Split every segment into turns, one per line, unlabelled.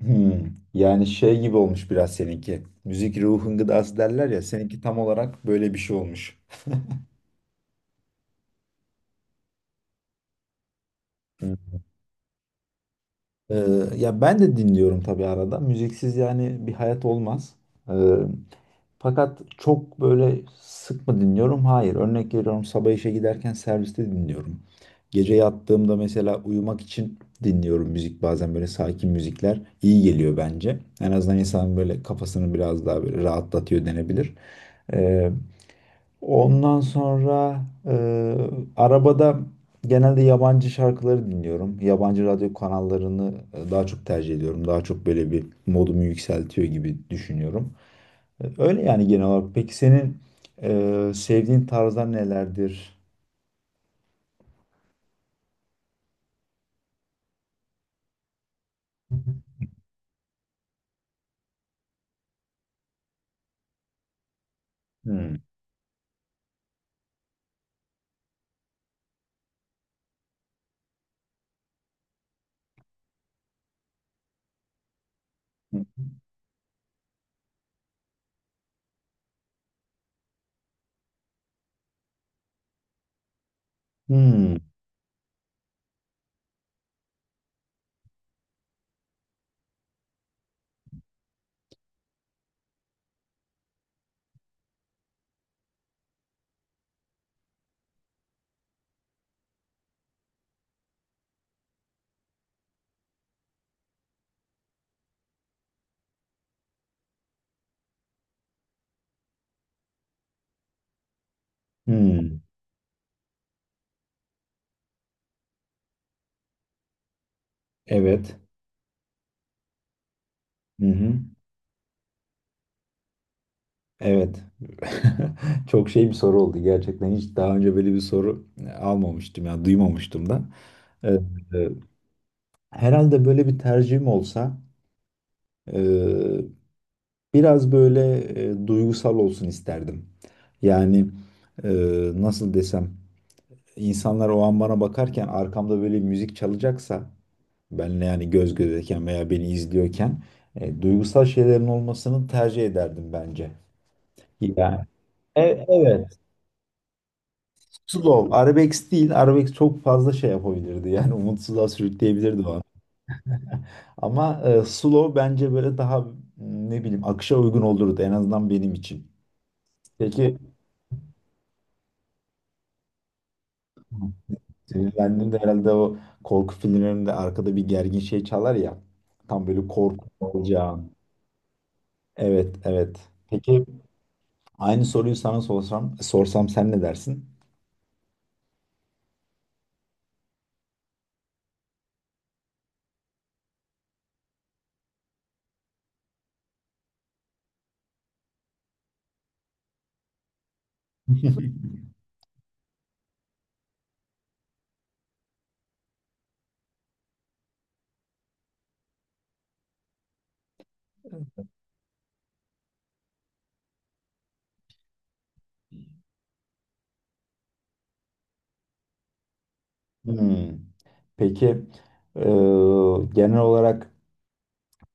Hmm. Yani şey gibi olmuş biraz seninki. Müzik ruhun gıdası derler ya. Seninki tam olarak böyle bir şey olmuş. Hı. Ee, Ya ben de dinliyorum tabii arada. Müziksiz yani bir hayat olmaz. Ee, Fakat çok böyle sık mı dinliyorum? Hayır. Örnek veriyorum, sabah işe giderken serviste dinliyorum. Gece yattığımda mesela uyumak için dinliyorum müzik. Bazen böyle sakin müzikler iyi geliyor bence. En azından insanın böyle kafasını biraz daha böyle rahatlatıyor denebilir. Ee, Ondan sonra arabada genelde yabancı şarkıları dinliyorum. Yabancı radyo kanallarını daha çok tercih ediyorum. Daha çok böyle bir modumu yükseltiyor gibi düşünüyorum. Öyle yani genel olarak. Peki senin sevdiğin tarzlar nelerdir? Hmm. Hmm. Hmm. Evet. Hı hı. Evet. Çok şey bir soru oldu gerçekten. Hiç daha önce böyle bir soru almamıştım ya duymamıştım da. Evet. Herhalde böyle bir tercihim olsa eee, biraz böyle duygusal olsun isterdim. Yani nasıl desem insanlar o an bana bakarken arkamda böyle müzik çalacaksa benle yani göz gözeyken veya beni izliyorken duygusal şeylerin olmasını tercih ederdim bence. Yani evet, slow arabesk değil, arabesk çok fazla şey yapabilirdi, yani umutsuzluğa sürükleyebilirdi o. Ama slow bence böyle daha ne bileyim akışa uygun olurdu en azından benim için. Peki, sinirlendiğimde herhalde o korku filmlerinde arkada bir gergin şey çalar ya. Tam böyle korku olacağım. Evet, evet. Peki aynı soruyu sana sorsam, sen ne dersin? Hmm. Peki, e, genel olarak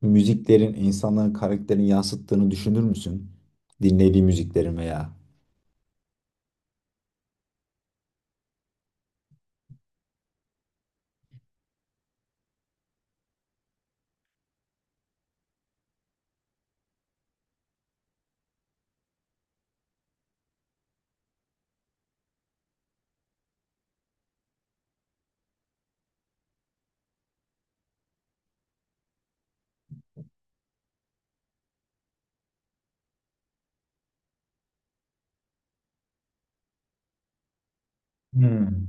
müziklerin insanların karakterini yansıttığını düşünür müsün? Dinlediği müziklerin veya. Hmm.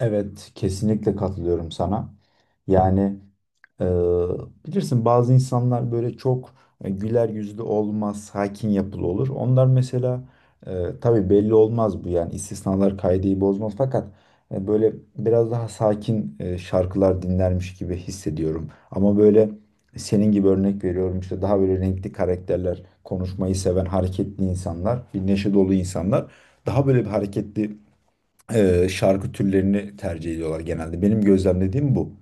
Evet, kesinlikle katılıyorum sana. Yani e, bilirsin bazı insanlar böyle çok güler yüzlü olmaz, sakin yapılı olur. Onlar mesela tabii belli olmaz bu, yani istisnalar kaideyi bozmaz. Fakat böyle biraz daha sakin şarkılar dinlermiş gibi hissediyorum. Ama böyle senin gibi, örnek veriyorum işte, daha böyle renkli karakterler, konuşmayı seven hareketli insanlar, bir neşe dolu insanlar daha böyle bir hareketli şarkı türlerini tercih ediyorlar genelde. Benim gözlemlediğim bu.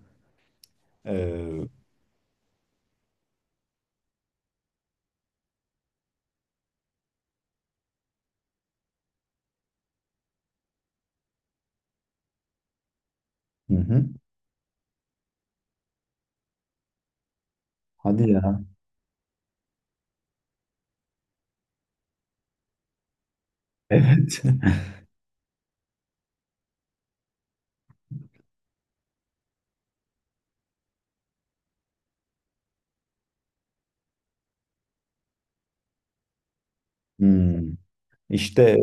E, hı hı. Hadi ya. Evet. Hmm. İşte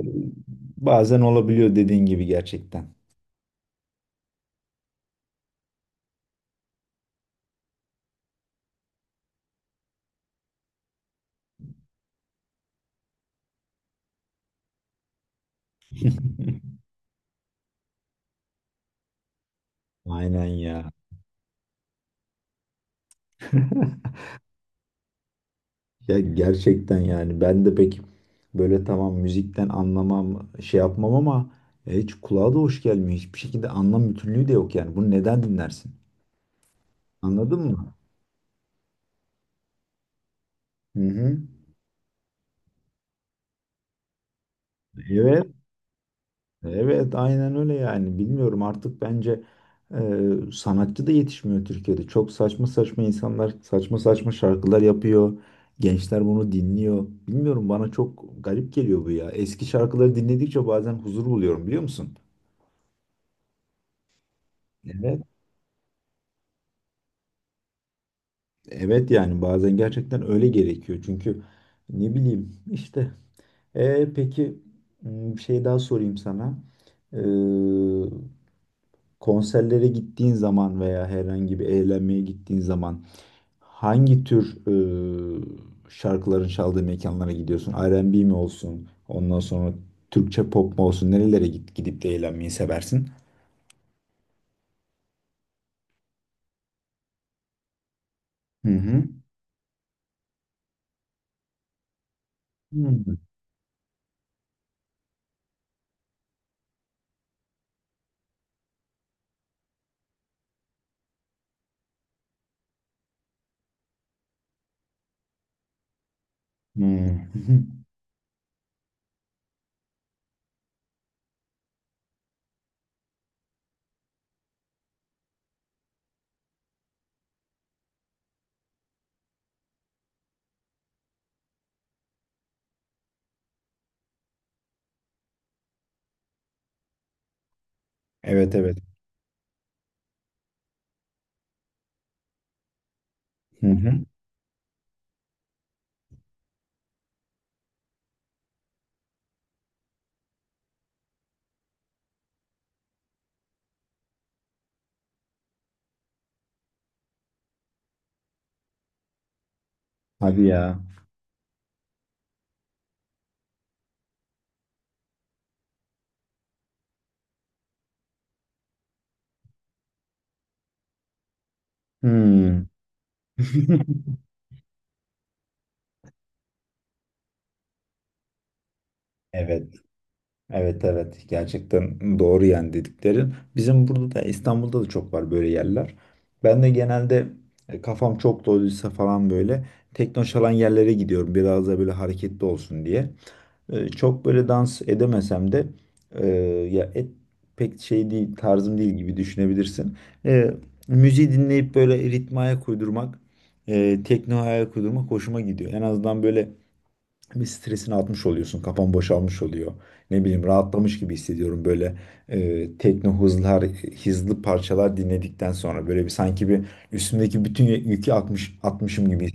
bazen olabiliyor dediğin gibi gerçekten. Aynen ya. Ya gerçekten yani ben de pek böyle, tamam müzikten anlamam şey yapmam ama hiç kulağa da hoş gelmiyor. Hiçbir şekilde anlam bütünlüğü de yok yani. Bunu neden dinlersin? Anladın mı? Hı hı. Evet. Evet, aynen öyle yani. Bilmiyorum artık, bence sanatçı da yetişmiyor Türkiye'de. Çok saçma saçma insanlar saçma saçma şarkılar yapıyor. Gençler bunu dinliyor. Bilmiyorum, bana çok garip geliyor bu ya. Eski şarkıları dinledikçe bazen huzur buluyorum, biliyor musun? Evet. Evet, yani bazen gerçekten öyle gerekiyor. Çünkü ne bileyim işte. Peki, bir şey daha sorayım sana. Konserlere gittiğin zaman veya herhangi bir eğlenmeye gittiğin zaman hangi tür şarkıların çaldığı mekanlara gidiyorsun? R&B mi olsun? Ondan sonra Türkçe pop mu olsun? Nerelere gidip de eğlenmeyi seversin? Hı hı. Hmm. Hmm. Evet, evet. Hı hı. Hadi ya. Hmm. Evet. Evet, evet, gerçekten doğru yani dediklerin. Bizim burada da, İstanbul'da da çok var böyle yerler. Ben de genelde kafam çok doluysa falan böyle tekno çalan yerlere gidiyorum. Biraz da böyle hareketli olsun diye. Çok böyle dans edemesem de e, ya et pek şey değil, tarzım değil gibi düşünebilirsin. E, Müziği dinleyip böyle ritme ayak uydurmak, tekno ayak uydurmak hoşuma gidiyor. En azından böyle bir stresini atmış oluyorsun. Kafan boşalmış oluyor. Ne bileyim, rahatlamış gibi hissediyorum böyle tekno hızlar, hızlı parçalar dinledikten sonra, böyle bir sanki bir üstümdeki bütün yükü atmışım gibi.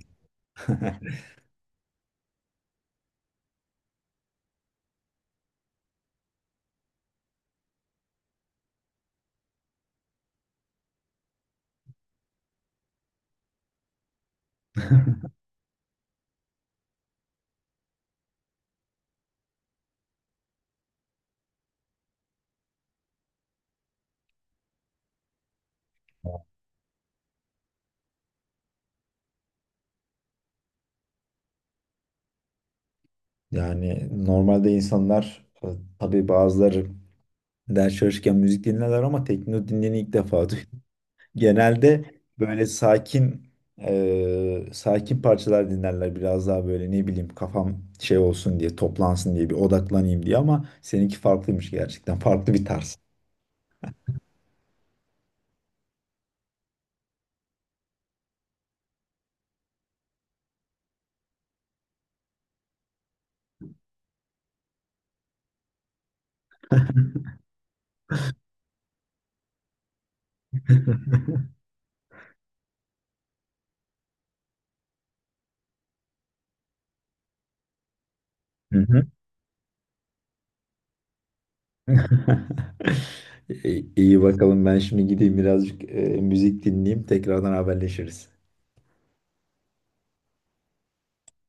Yani normalde insanlar tabii bazıları ders çalışırken müzik dinlerler ama tekno dinleyeni ilk defa. Genelde böyle sakin sakin parçalar dinlerler, biraz daha böyle ne bileyim kafam şey olsun diye, toplansın diye, bir odaklanayım diye, ama seninki farklıymış gerçekten. Farklı bir tarz. Hı hı. İyi iyi, bakalım, ben şimdi gideyim birazcık müzik dinleyeyim, tekrardan haberleşiriz.